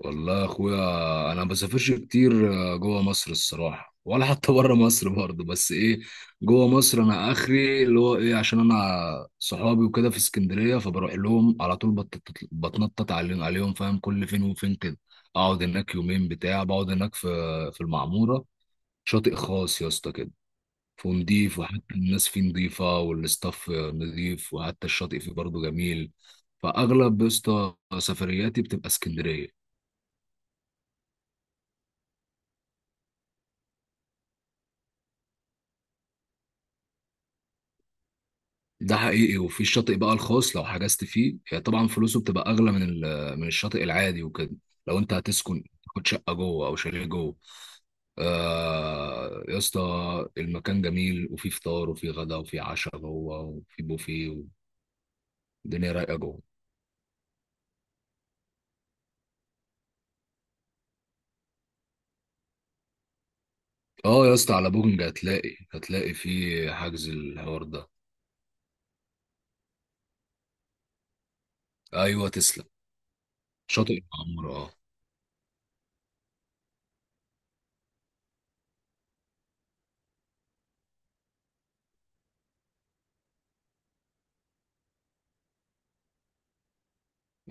والله يا اخويا، انا ما بسافرش كتير جوه مصر الصراحه، ولا حتى بره مصر برضه، بس ايه، جوه مصر انا اخري اللي هو ايه، عشان انا صحابي وكده في اسكندريه، فبروح لهم على طول. بتنطط عليهم فاهم؟ كل فين وفين كده اقعد هناك يومين بتاع، بقعد هناك في المعموره، شاطئ خاص يا اسطى كده، ونضيف، وحتى الناس فيه نضيفه، والاستاف نضيف، وحتى الشاطئ فيه برضه جميل. فاغلب يا اسطى سفرياتي بتبقى اسكندريه. ده حقيقي. وفي الشاطئ بقى الخاص لو حجزت فيه، هي طبعا فلوسه بتبقى اغلى من من الشاطئ العادي وكده، لو انت هتسكن تاخد شقه جوه او شاليه جوه. آه يا اسطى، المكان جميل، وفي فطار وفي غدا وفي عشاء جوه، وفي بوفيه، والدنيا رايقه جوه. اه يا اسطى، على بوكينج هتلاقي في حجز الحوار ده. ايوه، تسلم. شاطئ المعموره، اه.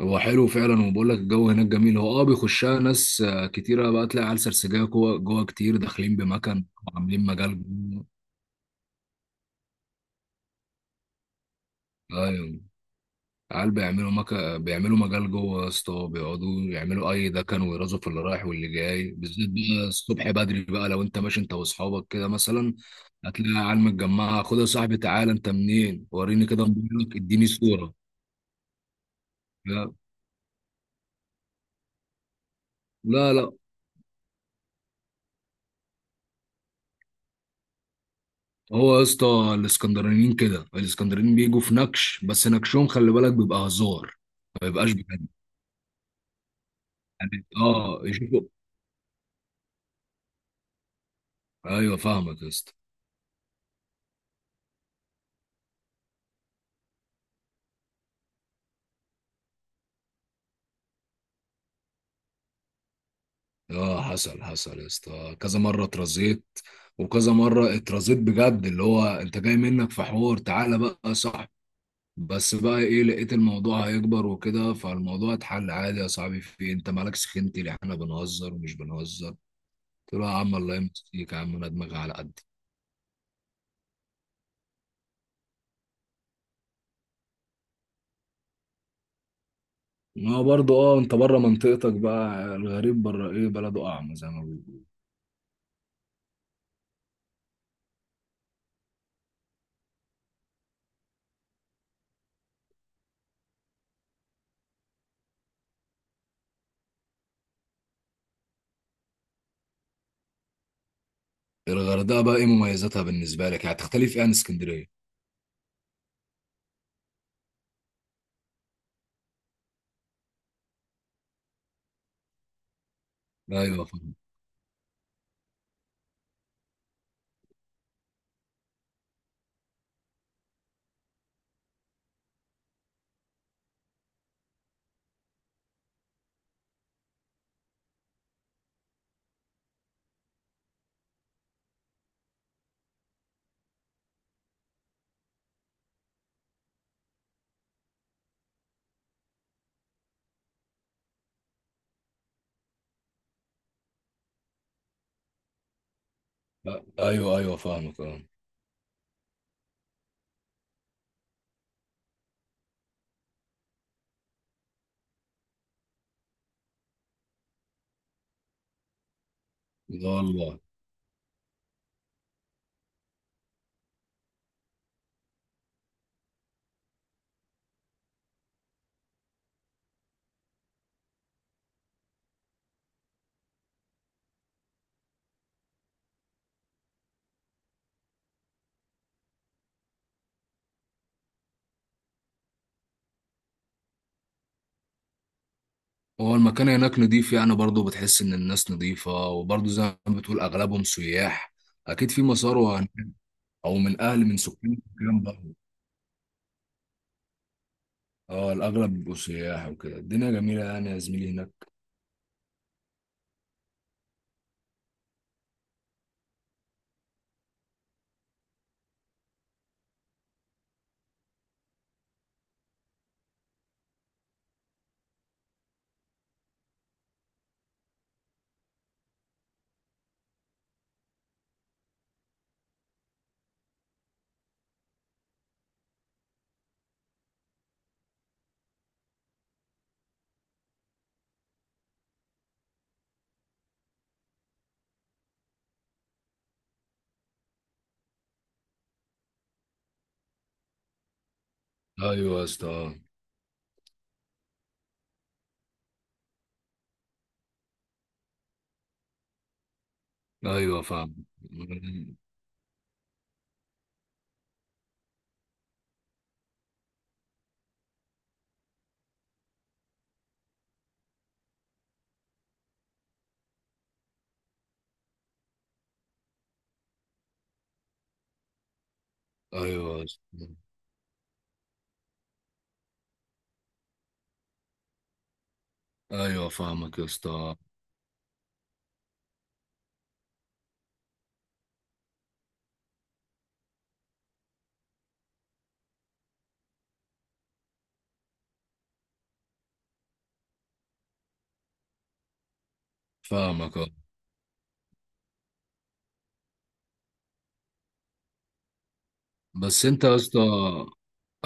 هو حلو فعلا، وبقول لك الجو هناك جميل. هو بيخشها ناس كتيرة. بقى تلاقي عيال سرسجية جوه جوه كتير داخلين بمكان وعاملين مجال جوه. ايوه، عيال بيعملوا مكان، بيعملوا مجال جوه يا اسطى، بيقعدوا يعملوا اي دكن، ويرازوا في اللي رايح واللي جاي، بالذات بقى الصبح بدري. بقى لو انت ماشي انت واصحابك كده مثلا، هتلاقي عيال متجمعة: خد يا صاحبي، تعالى انت منين، وريني كده موبايلك، اديني صورة. لا، لا، لا. هو يا اسطى الاسكندرانيين كده، الاسكندرانيين بيجوا في نكش، بس نكشهم خلي بالك بيبقى هزار، ما بيبقاش بجد. يعني يشوفوا. ايوه فاهمك يا اسطى. اه، حصل حصل يا اسطى كذا مره اترزيت، وكذا مره اترزيت بجد. اللي هو انت جاي منك في حوار، تعالى بقى، صح؟ بس بقى ايه، لقيت الموضوع هيكبر وكده، فالموضوع اتحل عادي. يا صاحبي في إيه، انت مالك سخنتي، اللي احنا بنهزر ومش بنهزر. قلت له يا عم الله يمسيك يا عم، انا دماغي على قد. ما هو برضه، انت بره منطقتك بقى، الغريب بره ايه بلده اعمى زي ما بيقولوا. الغردقه بقى ايه مميزاتها بالنسبه لك؟ يعني تختلف ايه عن اسكندريه؟ ايوه، فاهم. ايوه، ايوه، فاهمك، اه. ده والله. هو المكان هناك نضيف يعني، برضه بتحس ان الناس نضيفه، وبرضه زي ما بتقول اغلبهم سياح. اكيد في مسار هناك، او من اهل، من سكان الكلام ده. اه، الاغلب بيبقوا سياح وكده، الدنيا جميله يعني يا زميلي هناك. ايوه يا اسطى، آه. ايوه، فاهم. ايوه يا اسطى. ايوه فاهمك يا اسطى. فاهمك، آه. بس انت يا اسطى،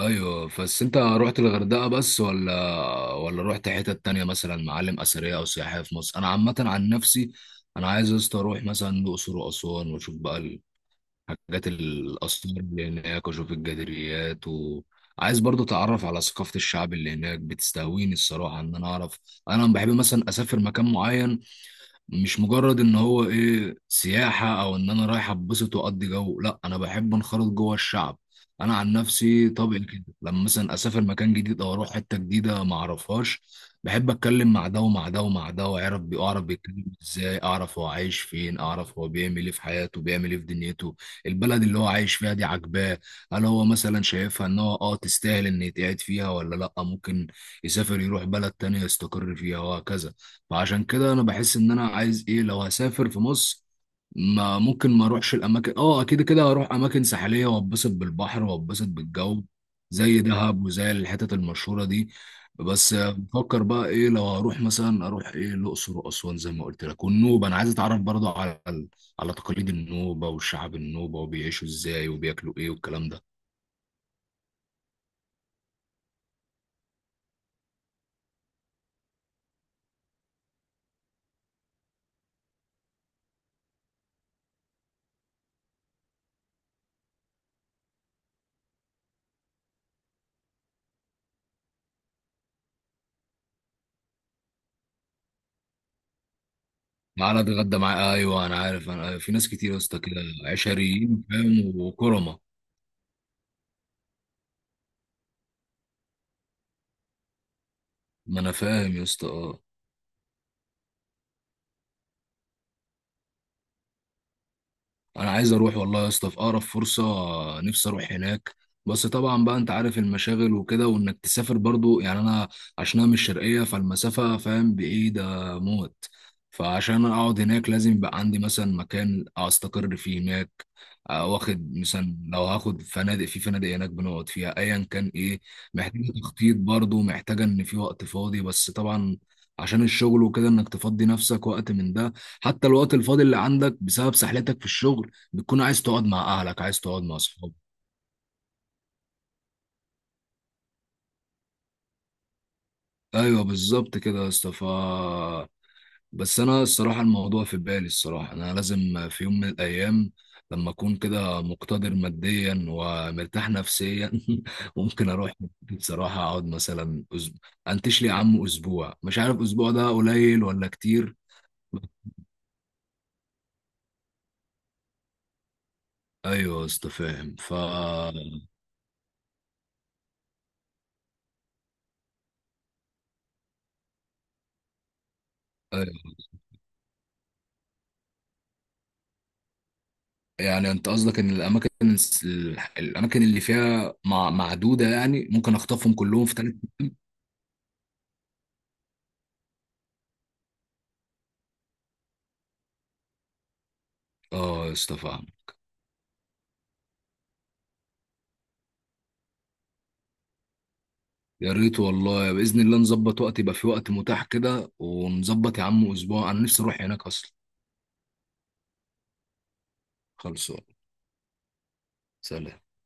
ايوه، بس انت رحت الغردقه بس، ولا رحت حتت تانية مثلا، معالم اثريه او سياحيه في مصر؟ انا عامه عن نفسي، انا عايز يا اسطى اروح مثلا الاقصر واسوان، واشوف بقى الحاجات الاثار اللي هناك، واشوف الجدريات. وعايز برضو اتعرف على ثقافه الشعب اللي هناك، بتستهويني الصراحه ان انا اعرف. انا بحب مثلا اسافر مكان معين، مش مجرد ان هو ايه سياحة، او ان انا رايح اتبسط واقضي جو. لا، انا بحب انخرط جوه الشعب. انا عن نفسي طبعي كده، لما مثلا اسافر مكان جديد او اروح حتة جديدة ما اعرفهاش، بحب اتكلم مع ده ومع ده ومع ده، واعرف اعرف بيتكلم ازاي، اعرف هو عايش فين، اعرف هو بيعمل ايه في حياته، بيعمل ايه في دنيته. البلد اللي هو عايش فيها دي عاجباه؟ هل هو مثلا شايفها ان هو تستاهل ان يتقعد فيها، ولا لا ممكن يسافر يروح بلد تانية يستقر فيها، وهكذا. فعشان كده انا بحس ان انا عايز ايه، لو هسافر في مصر ما ممكن ما اروحش الاماكن، كده كده هروح اماكن ساحليه واتبسط بالبحر واتبسط بالجو، زي دهب وزي الحتت المشهوره دي. بس بفكر بقى ايه، لو هروح مثلا اروح ايه الاقصر واسوان زي ما قلت لك، والنوبه انا عايز اتعرف برضه على تقاليد النوبه والشعب النوبه، وبيعيشوا ازاي، وبياكلوا ايه والكلام ده. معانا، اتغدى معاه. ايوه انا عارف، انا في ناس كتير يا اسطى كده عشريين، فاهم، وكرمه. ما انا فاهم يا اسطى، اه. انا عايز اروح والله يا اسطى في اقرب فرصه، نفسي اروح هناك. بس طبعا بقى انت عارف المشاغل وكده، وانك تسافر برضو، يعني انا عشان انا من الشرقيه، فالمسافه فاهم بعيده موت. فعشان اقعد هناك لازم يبقى عندي مثلا مكان استقر فيه هناك، واخد مثلا لو هاخد فنادق، في فنادق هناك بنقعد فيها ايا كان ايه. محتاجه تخطيط برضو، محتاجه ان في وقت فاضي، بس طبعا عشان الشغل وكده، انك تفضي نفسك وقت من ده. حتى الوقت الفاضي اللي عندك بسبب سحلتك في الشغل، بتكون عايز تقعد مع اهلك، عايز تقعد مع اصحابك. ايوه بالظبط كده يا اسطى. بس انا الصراحه الموضوع في بالي. الصراحه انا لازم في يوم من الايام، لما اكون كده مقتدر ماديا ومرتاح نفسيا، ممكن اروح. بصراحه اقعد مثلا، انتش لي يا عم اسبوع، مش عارف اسبوع ده قليل ولا كتير. ايوه يا اسطى فاهم. أيوة. يعني انت قصدك ان الاماكن اللي فيها معدوده، يعني ممكن اخطفهم كلهم في. اه يا اسطى فاهم. يا ريت والله باذن الله نظبط وقت، يبقى في وقت متاح كده ونظبط يا عم اسبوع، انا نفسي اروح هناك اصلا. خلصوا. سلام.